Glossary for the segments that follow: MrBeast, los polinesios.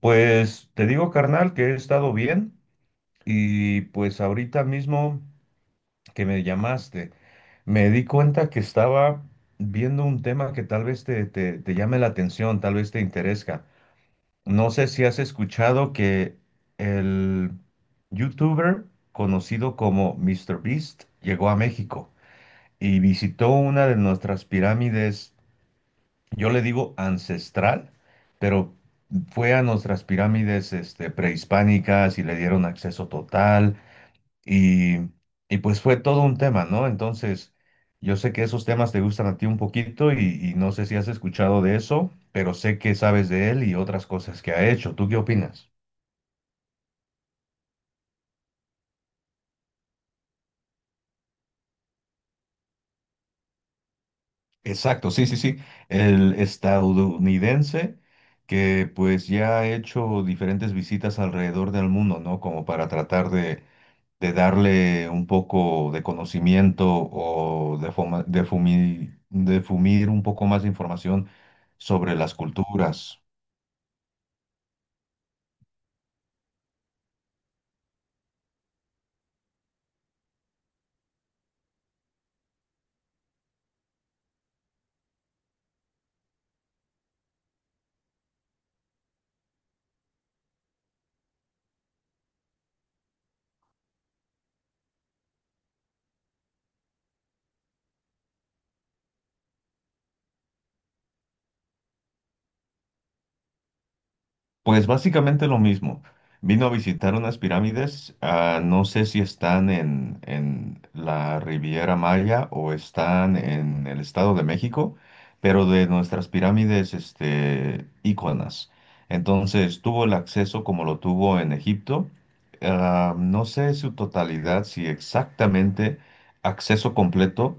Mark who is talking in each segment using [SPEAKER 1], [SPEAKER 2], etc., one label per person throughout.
[SPEAKER 1] Pues te digo, carnal, que he estado bien y pues ahorita mismo que me llamaste, me di cuenta que estaba viendo un tema que tal vez te llame la atención, tal vez te interesa. No sé si has escuchado que el youtuber conocido como MrBeast llegó a México y visitó una de nuestras pirámides yo le digo ancestral, pero fue a nuestras pirámides prehispánicas y le dieron acceso total y, y pues fue todo un tema, ¿no? Entonces, yo sé que esos temas te gustan a ti un poquito y no sé si has escuchado de eso, pero sé que sabes de él y otras cosas que ha hecho. ¿Tú qué opinas? Exacto, sí, sí, sí. El estadounidense que pues ya ha hecho diferentes visitas alrededor del mundo, ¿no? Como para tratar de darle un poco de conocimiento o de, fumir un poco más de información sobre las culturas. Pues básicamente lo mismo. Vino a visitar unas pirámides, ah, no sé si están en la Riviera Maya o están en el Estado de México, pero de nuestras pirámides, íconas. Entonces tuvo el acceso como lo tuvo en Egipto. Ah, no sé su totalidad, si exactamente acceso completo,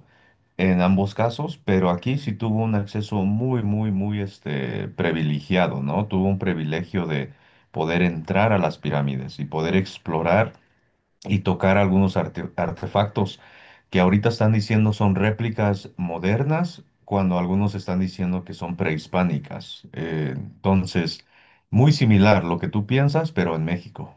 [SPEAKER 1] en ambos casos, pero aquí sí tuvo un acceso muy, muy, muy privilegiado, ¿no? Tuvo un privilegio de poder entrar a las pirámides y poder explorar y tocar algunos artefactos que ahorita están diciendo son réplicas modernas, cuando algunos están diciendo que son prehispánicas. Entonces, muy similar lo que tú piensas, pero en México.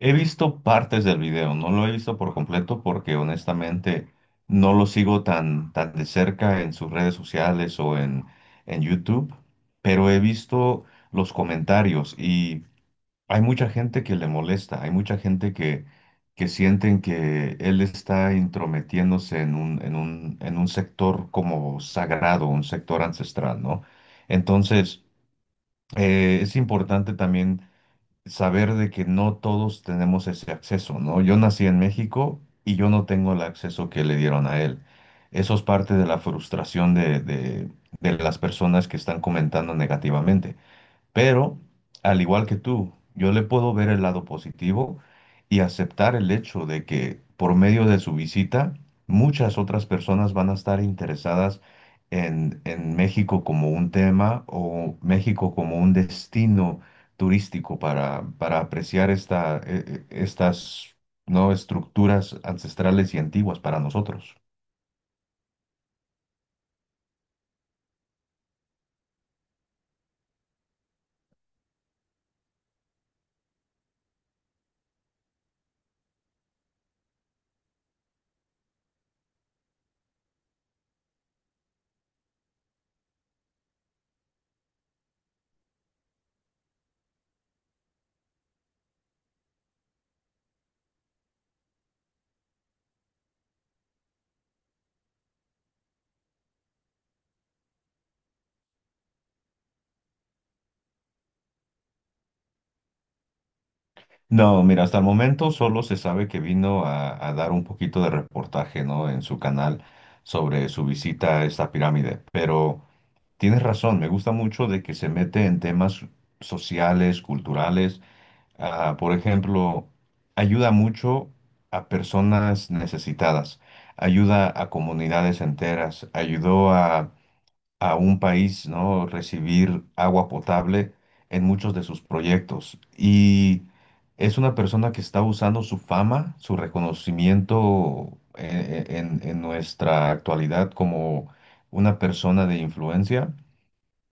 [SPEAKER 1] He visto partes del video, no lo he visto por completo porque honestamente no lo sigo tan de cerca en sus redes sociales o en YouTube, pero he visto los comentarios y hay mucha gente que le molesta, hay mucha gente que sienten que él está intrometiéndose en un sector como sagrado, un sector ancestral, ¿no? Entonces, es importante también saber de que no todos tenemos ese acceso, ¿no? Yo nací en México y yo no tengo el acceso que le dieron a él. Eso es parte de la frustración de las personas que están comentando negativamente. Pero, al igual que tú, yo le puedo ver el lado positivo y aceptar el hecho de que por medio de su visita, muchas otras personas van a estar interesadas en México como un tema o México como un destino turístico para apreciar esta, estas, ¿no? estructuras ancestrales y antiguas para nosotros. No, mira, hasta el momento solo se sabe que vino a dar un poquito de reportaje, ¿no? En su canal sobre su visita a esta pirámide. Pero tienes razón, me gusta mucho de que se mete en temas sociales, culturales. Ah, por ejemplo, ayuda mucho a personas necesitadas, ayuda a comunidades enteras, ayudó a un país, ¿no? Recibir agua potable en muchos de sus proyectos. Y es una persona que está usando su fama, su reconocimiento en nuestra actualidad como una persona de influencia,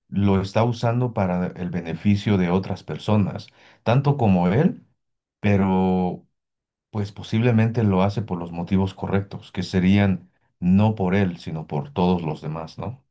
[SPEAKER 1] lo está usando para el beneficio de otras personas, tanto como él, pero pues posiblemente lo hace por los motivos correctos, que serían no por él, sino por todos los demás, ¿no?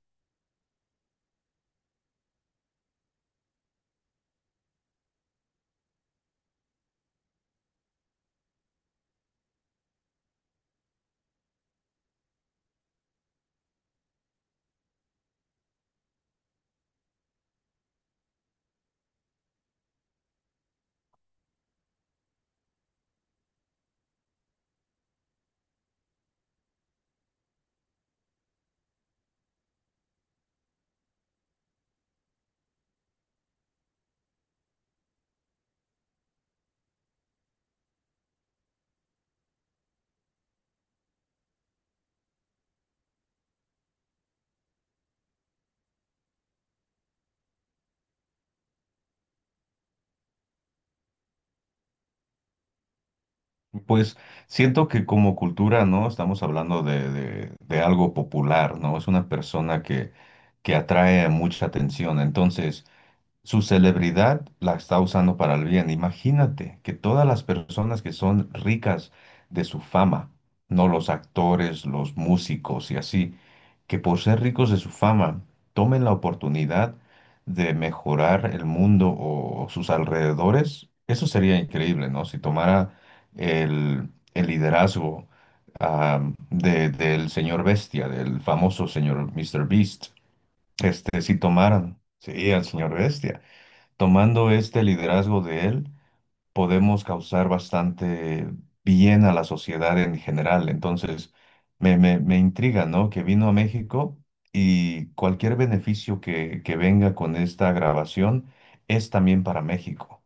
[SPEAKER 1] Pues siento que como cultura, ¿no? Estamos hablando de algo popular, ¿no? Es una persona que atrae mucha atención. Entonces, su celebridad la está usando para el bien. Imagínate que todas las personas que son ricas de su fama, ¿no? Los actores, los músicos y así que por ser ricos de su fama tomen la oportunidad de mejorar el mundo o sus alrededores, eso sería increíble, ¿no? Si tomara el liderazgo ah, del señor Bestia, del famoso señor Mr. Beast, este, si tomaran, sí, al señor Bestia, tomando este liderazgo de él podemos causar bastante bien a la sociedad en general. Entonces, me intriga, ¿no? Que vino a México y cualquier beneficio que venga con esta grabación es también para México.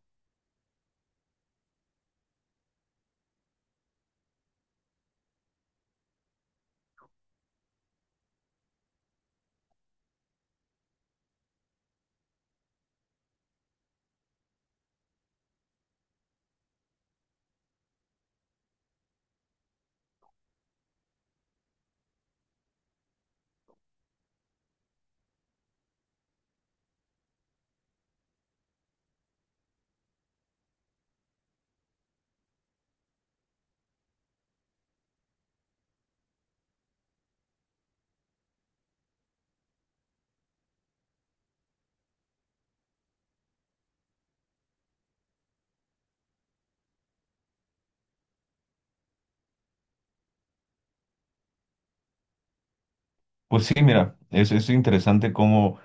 [SPEAKER 1] Pues sí, mira, es interesante cómo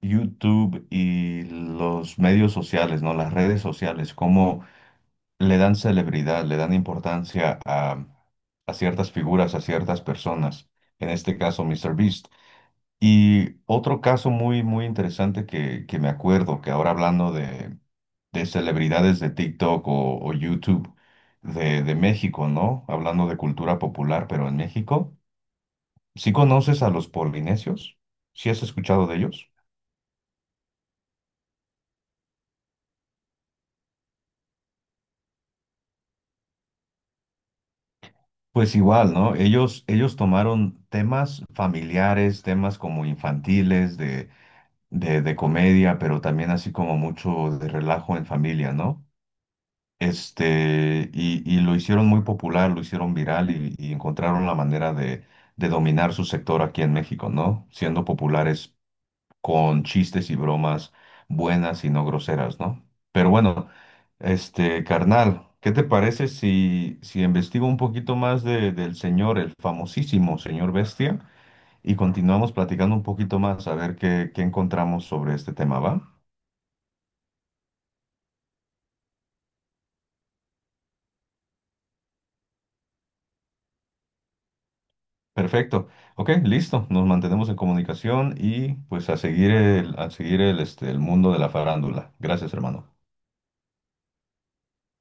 [SPEAKER 1] YouTube y los medios sociales, ¿no? Las redes sociales, cómo le dan celebridad, le dan importancia a ciertas figuras, a ciertas personas. En este caso, MrBeast. Y otro caso muy, muy interesante que me acuerdo, que ahora hablando de celebridades de TikTok o YouTube de México, ¿no? Hablando de cultura popular, pero en México, ¿sí conoces a los polinesios? ¿Sí has escuchado de ellos? Pues igual, ¿no? Ellos tomaron temas familiares, temas como infantiles, de comedia, pero también así como mucho de relajo en familia, ¿no? Y lo hicieron muy popular, lo hicieron viral y encontraron la manera de dominar su sector aquí en México, ¿no? Siendo populares con chistes y bromas buenas y no groseras, ¿no? Pero bueno, carnal, ¿qué te parece si, si investigo un poquito más del señor, el famosísimo señor Bestia, y continuamos platicando un poquito más a ver qué, qué encontramos sobre este tema, ¿va? Perfecto. Ok, listo. Nos mantenemos en comunicación y pues a seguir el, el mundo de la farándula. Gracias, hermano.